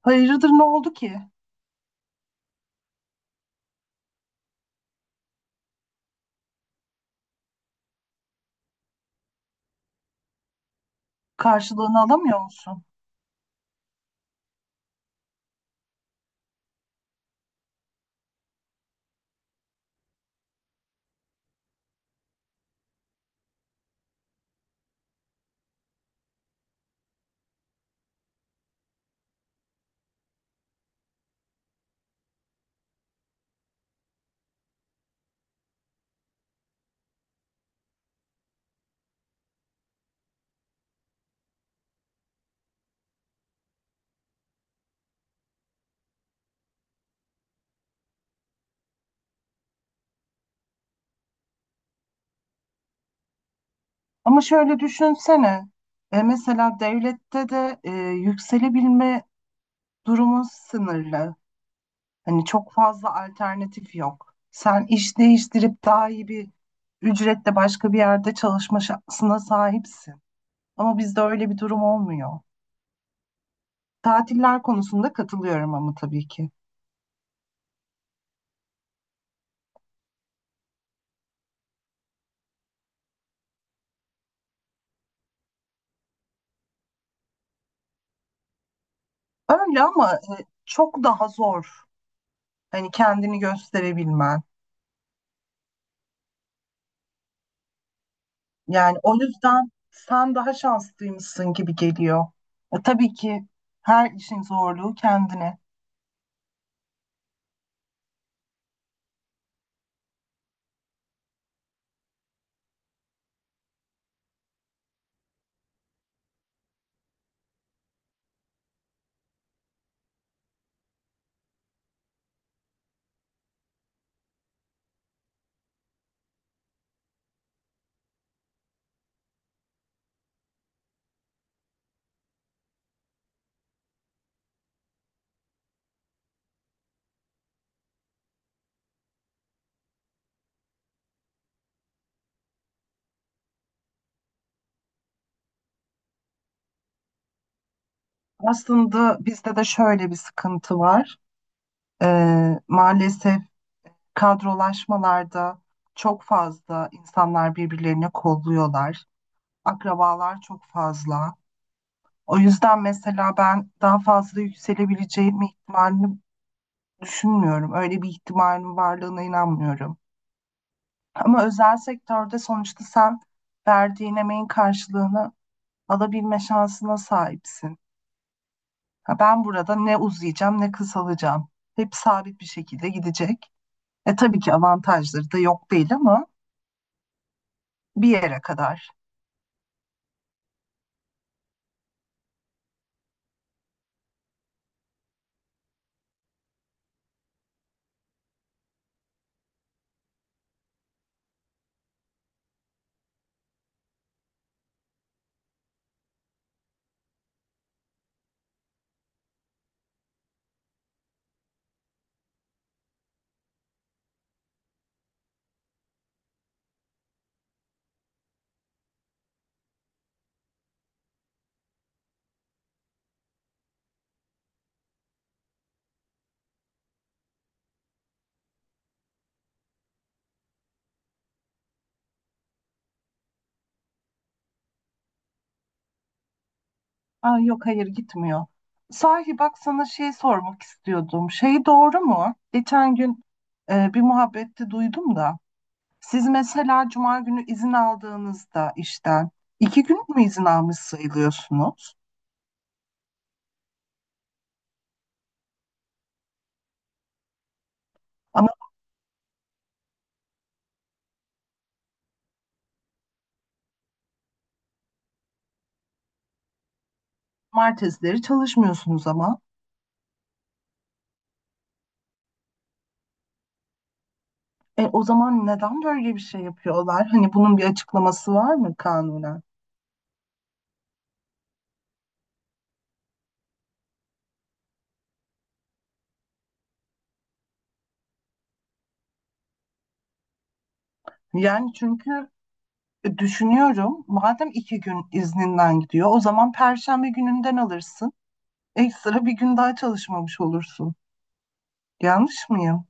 Hayırdır ne oldu ki? Karşılığını alamıyor musun? Ama şöyle düşünsene. E, mesela devlette de yükselebilme durumu sınırlı. Hani çok fazla alternatif yok. Sen iş değiştirip daha iyi bir ücretle başka bir yerde çalışma şansına sahipsin. Ama bizde öyle bir durum olmuyor. Tatiller konusunda katılıyorum ama tabii ki. Öyle ama çok daha zor. Hani kendini gösterebilmen. Yani o yüzden sen daha şanslıymışsın gibi geliyor. E, tabii ki her işin zorluğu kendine. Aslında bizde de şöyle bir sıkıntı var. E, maalesef kadrolaşmalarda çok fazla insanlar birbirlerini kolluyorlar. Akrabalar çok fazla. O yüzden mesela ben daha fazla yükselebileceğim ihtimalini düşünmüyorum. Öyle bir ihtimalin varlığına inanmıyorum. Ama özel sektörde sonuçta sen verdiğin emeğin karşılığını alabilme şansına sahipsin. Ha, ben burada ne uzayacağım ne kısalacağım. Hep sabit bir şekilde gidecek. E tabii ki avantajları da yok değil ama bir yere kadar. Aa, yok, hayır gitmiyor. Sahi bak, sana şey sormak istiyordum. Şey, doğru mu? Geçen gün bir muhabbette duydum da. Siz mesela cuma günü izin aldığınızda işten iki gün mü izin almış sayılıyorsunuz? Ama Cumartesileri çalışmıyorsunuz ama. E, o zaman neden böyle bir şey yapıyorlar? Hani bunun bir açıklaması var mı kanunen? Yani çünkü düşünüyorum, madem iki gün izninden gidiyor o zaman Perşembe gününden alırsın. Ekstra bir gün daha çalışmamış olursun. Yanlış mıyım?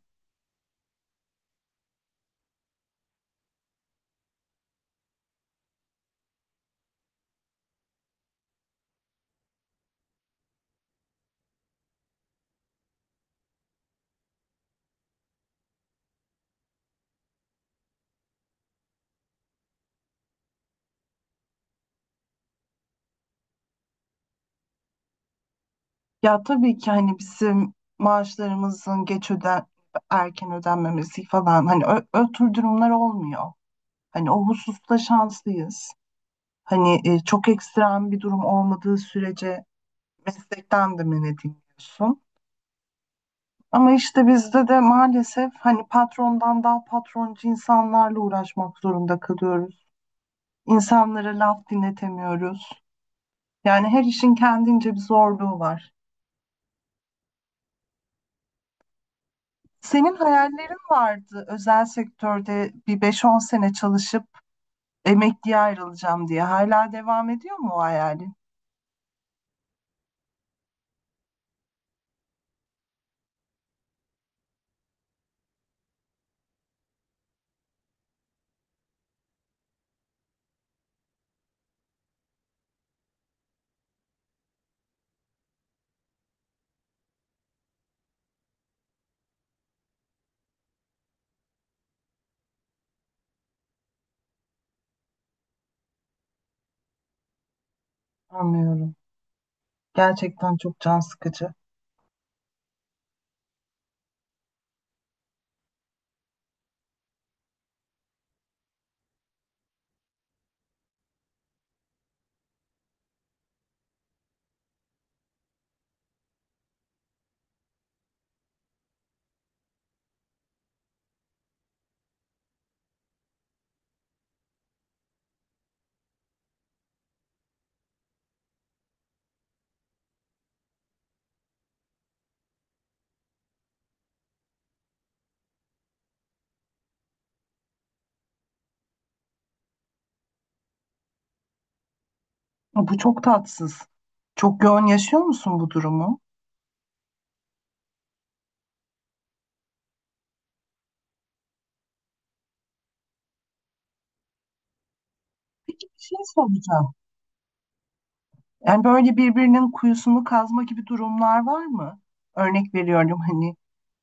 Ya tabii ki hani bizim maaşlarımızın geç öden erken ödenmemesi falan, hani ö, ö tür durumlar olmuyor. Hani o hususta şanslıyız. Hani çok ekstrem bir durum olmadığı sürece meslekten de men ediliyorsun. Ama işte bizde de maalesef hani patrondan daha patroncu insanlarla uğraşmak zorunda kalıyoruz. İnsanlara laf dinletemiyoruz. Yani her işin kendince bir zorluğu var. Senin hayallerin vardı, özel sektörde bir 5-10 sene çalışıp emekliye ayrılacağım diye. Hala devam ediyor mu o hayalin? Anlıyorum. Gerçekten çok can sıkıcı. Bu çok tatsız. Çok yoğun yaşıyor musun bu durumu? Peki, bir şey soracağım. Yani böyle birbirinin kuyusunu kazma gibi durumlar var mı? Örnek veriyorum, hani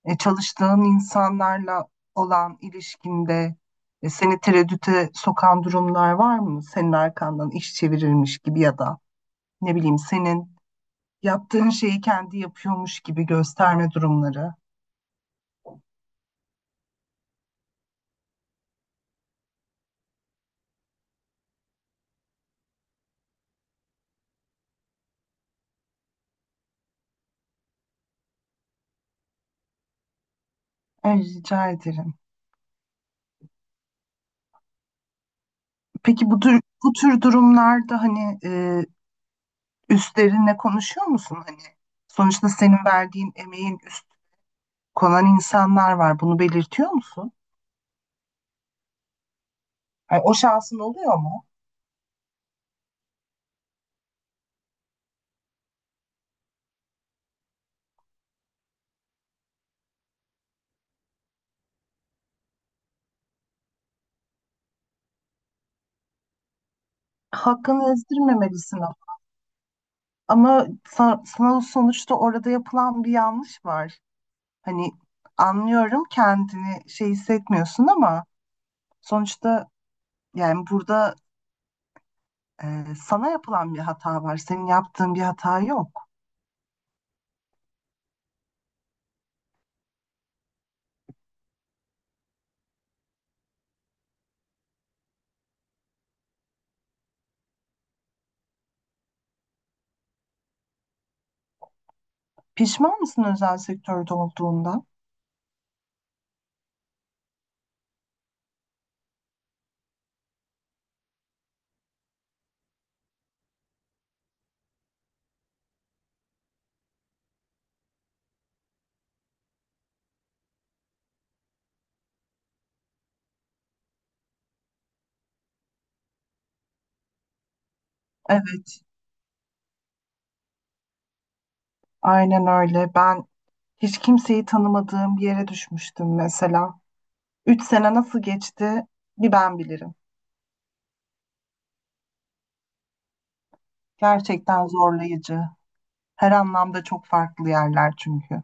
çalıştığın insanlarla olan ilişkinde seni tereddüte sokan durumlar var mı? Senin arkandan iş çevirilmiş gibi ya da ne bileyim senin yaptığın şeyi kendi yapıyormuş gibi gösterme durumları. Ay, rica ederim. Peki bu tür durumlarda hani üstlerinle konuşuyor musun? Hani sonuçta senin verdiğin emeğin üst konan insanlar var. Bunu belirtiyor musun? Hani o şansın oluyor mu? Hakkını ezdirmemelisin ama. Ama sana sonuçta orada yapılan bir yanlış var. Hani anlıyorum, kendini şey hissetmiyorsun ama sonuçta yani burada sana yapılan bir hata var. Senin yaptığın bir hata yok. Pişman mısın özel sektörde olduğunda? Evet, aynen öyle. Ben hiç kimseyi tanımadığım bir yere düşmüştüm mesela. 3 sene nasıl geçti bir ben bilirim. Gerçekten zorlayıcı. Her anlamda çok farklı yerler çünkü.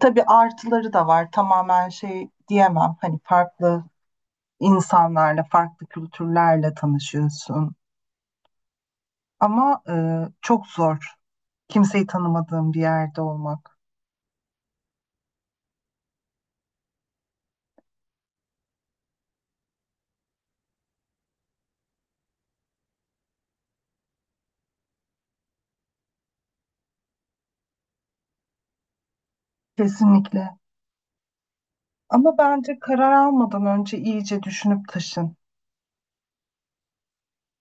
Tabii artıları da var. Tamamen şey diyemem. Hani farklı insanlarla, farklı kültürlerle tanışıyorsun. Ama çok zor. Kimseyi tanımadığın bir yerde olmak. Kesinlikle. Ama bence karar almadan önce iyice düşünüp taşın.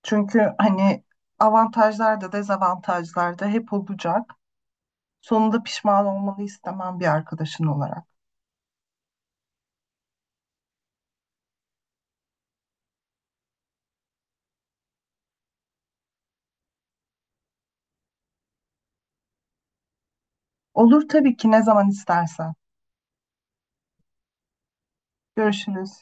Çünkü hani avantajlar da dezavantajlar da hep olacak. Sonunda pişman olmanı istemem bir arkadaşın olarak. Olur tabii ki, ne zaman istersen. Görüşürüz.